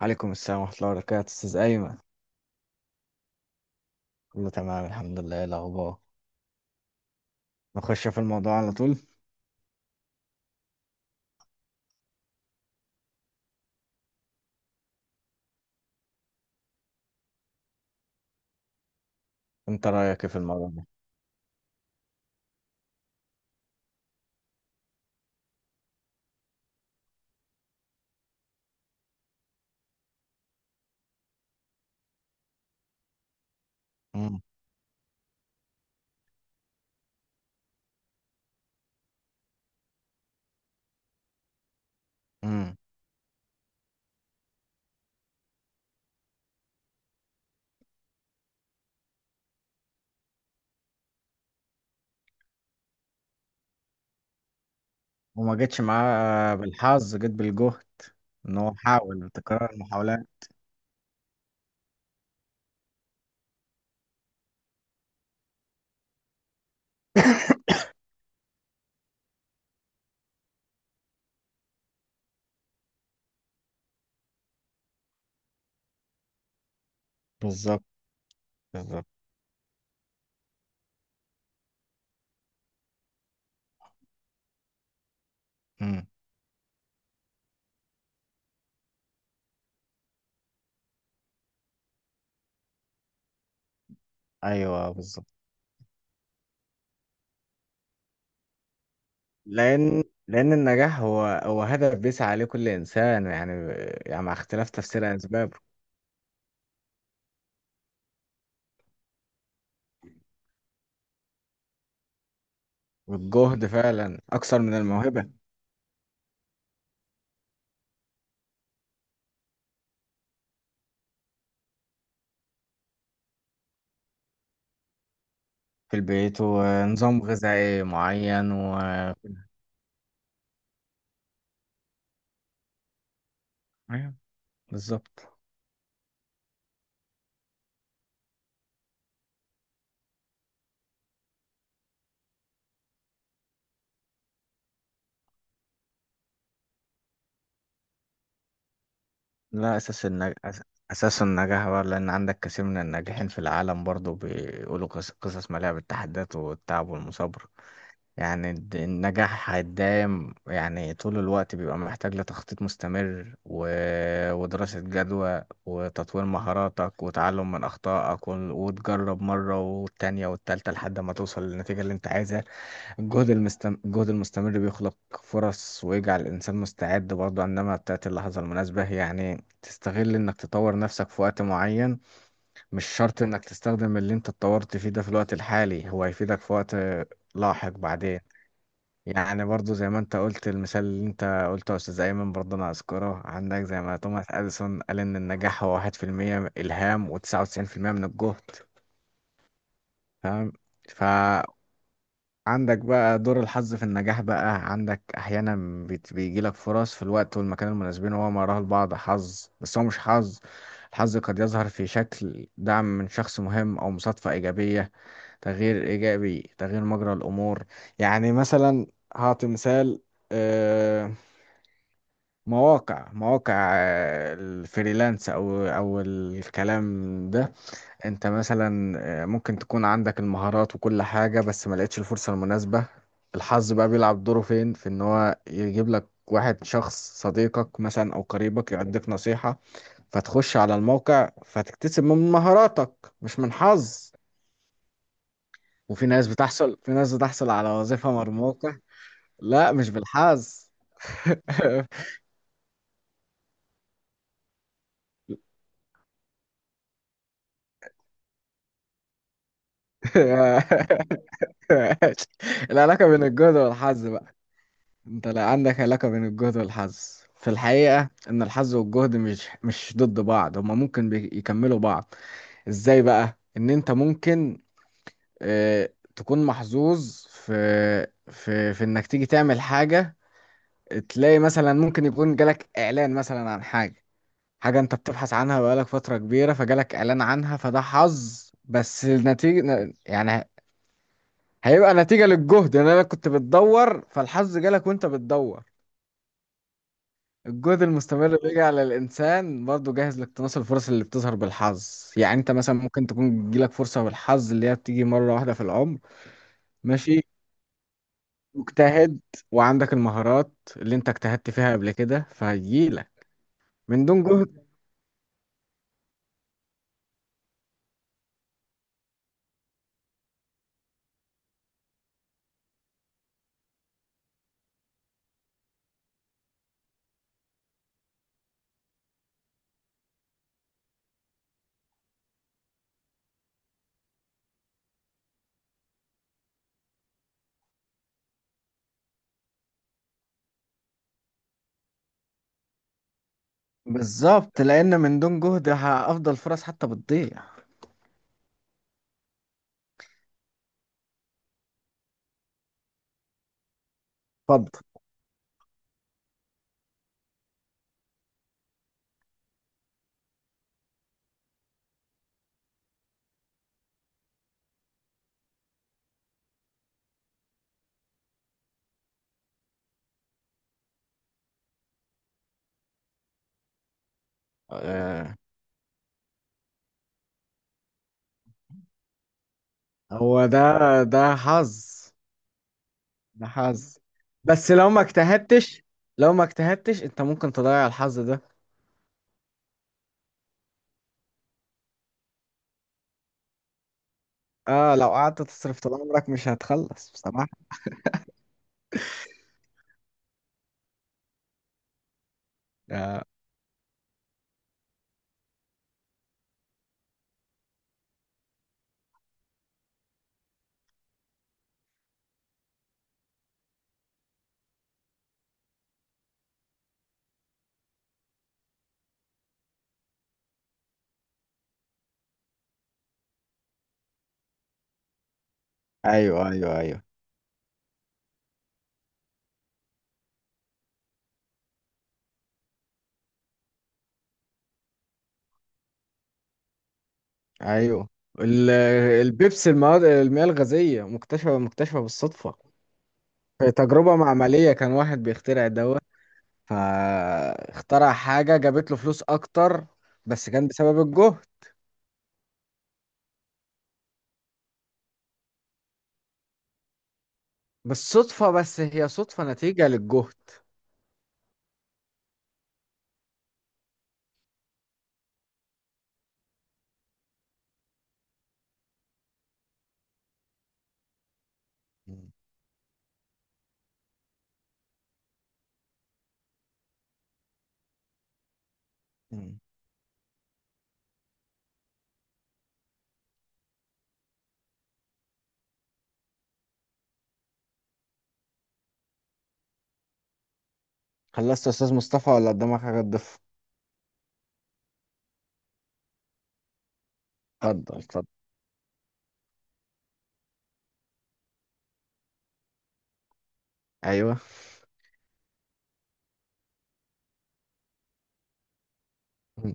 عليكم السلام ورحمة الله وبركاته أستاذ أيمن. كله تمام، الحمد لله. إيه الأخبار؟ نخش في الموضوع على طول. أنت رأيك إيه في الموضوع ده؟ مم. مم. وما جيتش معاه بالحظ، جيت بالجهد. إن هو حاول تكرار المحاولات. بالظبط. بالظبط. مم. أيوه، بالظبط. لأن النجاح هو هدف بيسعى عليه كل إنسان، يعني مع اختلاف تفسير أسبابه. والجهد فعلا أكثر من الموهبة. في البيت، ونظام غذائي معين و أيوه بالظبط. لا، أساس النجاح بقى، لأن عندك كثير من الناجحين في العالم برضو بيقولوا قصص مليئة بالتحديات والتعب والمثابرة. يعني النجاح هيدايم، يعني طول الوقت بيبقى محتاج لتخطيط مستمر، و... ودراسة جدوى، وتطوير مهاراتك، وتعلم من أخطائك، وتجرب مرة والتانية والتالتة لحد ما توصل للنتيجة اللي أنت عايزها. الجهد المستمر بيخلق فرص، ويجعل الإنسان مستعد برضه إنما بتاعت اللحظة المناسبة، يعني تستغل إنك تطور نفسك في وقت معين. مش شرط إنك تستخدم اللي أنت اتطورت فيه ده في الوقت الحالي، هو هيفيدك في وقت لاحق بعدين. يعني برضه زي ما أنت قلت، المثال اللي أنت قلته يا أستاذ أيمن، برضه أنا أذكره عندك زي ما توماس أديسون قال: إن النجاح هو 1% إلهام، و99% من الجهد. فاهم. عندك بقى دور الحظ في النجاح، بقى عندك احيانا بيجيلك فرص في الوقت والمكان المناسبين، وهو ما يراه البعض حظ، بس هو مش حظ. الحظ قد يظهر في شكل دعم من شخص مهم، او مصادفة ايجابية، تغيير ايجابي، تغيير مجرى الامور. يعني مثلا، هعطي مثال. آه، مواقع الفريلانس او الكلام ده. انت مثلا، ممكن تكون عندك المهارات وكل حاجة، بس ما لقيتش الفرصة المناسبة. الحظ بقى بيلعب دوره فين؟ في ان هو يجيب لك واحد شخص، صديقك مثلا او قريبك، يعطيك نصيحة، فتخش على الموقع، فتكتسب من مهاراتك، مش من حظ. وفي ناس بتحصل في ناس بتحصل على وظيفة من الموقع. لا، مش بالحظ. العلاقة بين الجهد والحظ. انت لا، عندك علاقة بين الجهد والحظ. في الحقيقة ان الحظ والجهد مش ضد بعض، هما ممكن يكملوا بعض. ازاي بقى؟ ان انت ممكن اه تكون محظوظ في، في انك تيجي تعمل حاجة. تلاقي مثلا ممكن يكون جالك اعلان مثلا عن حاجة، حاجة انت بتبحث عنها بقالك فترة كبيرة، فجالك اعلان عنها، فده حظ، بس النتيجة يعني هيبقى نتيجة للجهد، ان انا كنت بتدور، فالحظ جالك وانت بتدور. الجهد المستمر بيجي على الإنسان برضه جاهز لاقتناص الفرص اللي بتظهر بالحظ، يعني أنت مثلا ممكن تكون تجيلك فرصة بالحظ اللي هي بتيجي مرة واحدة في العمر. ماشي، مجتهد، وعندك المهارات اللي أنت اجتهدت فيها قبل كده، فهيجيلك. من دون جهد. بالظبط، لأن من دون جهد أفضل فرص حتى بتضيع. اتفضل. آه. هو ده، ده حظ. ده حظ. بس لو ما اجتهدتش، لو ما اجتهدتش أنت ممكن تضيع الحظ ده. اه، لو قعدت تصرف طول عمرك مش هتخلص بصراحة. آه. ايوه، ايوه، ايوه، ايوه، ال- البيبسي، المواد، المياه الغازية مكتشفة بالصدفة. في تجربة معملية كان واحد بيخترع دواء، فاخترع حاجة جابت له فلوس أكتر، بس كان بسبب الجهد. بالصدفة، بس هي صدفة نتيجة للجهد. مم. مم. خلصت يا أستاذ مصطفى، ولا قدامك حاجة تضيفها؟ اتفضل، اتفضل. ايوه. مم.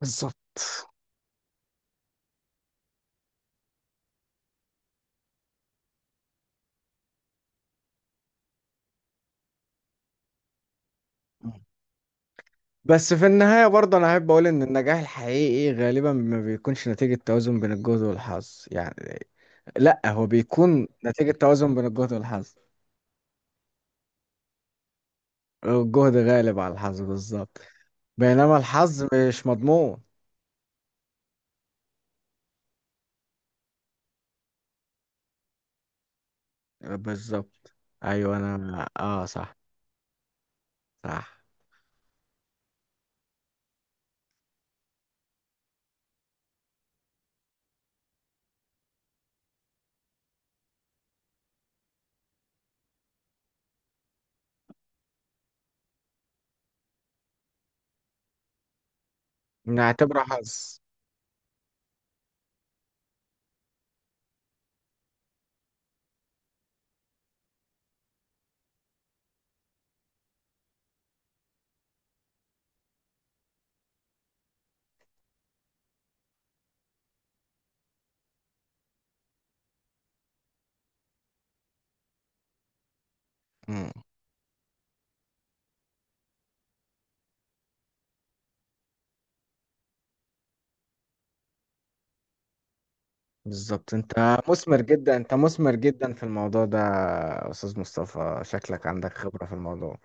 بالظبط. بس في النهاية برضه أنا أحب أقول: إن النجاح الحقيقي إيه؟ غالبا ما بيكونش نتيجة توازن بين الجهد والحظ، يعني لأ، هو بيكون نتيجة توازن بين الجهد والحظ. الجهد غالب على الحظ بالظبط. بينما الحظ مش مضمون. بالظبط. أيوة، أنا صح. صح. نعتبره حظ. مم. بالظبط، أنت مثمر جدا، أنت مثمر جدا في الموضوع ده يا أستاذ مصطفى، شكلك عندك خبرة في الموضوع.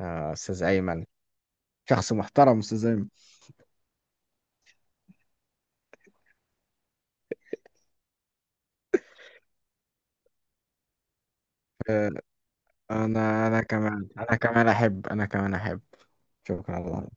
أستاذ أيمن. شخص محترم أستاذ أيمن. انا كمان احب. شكرا.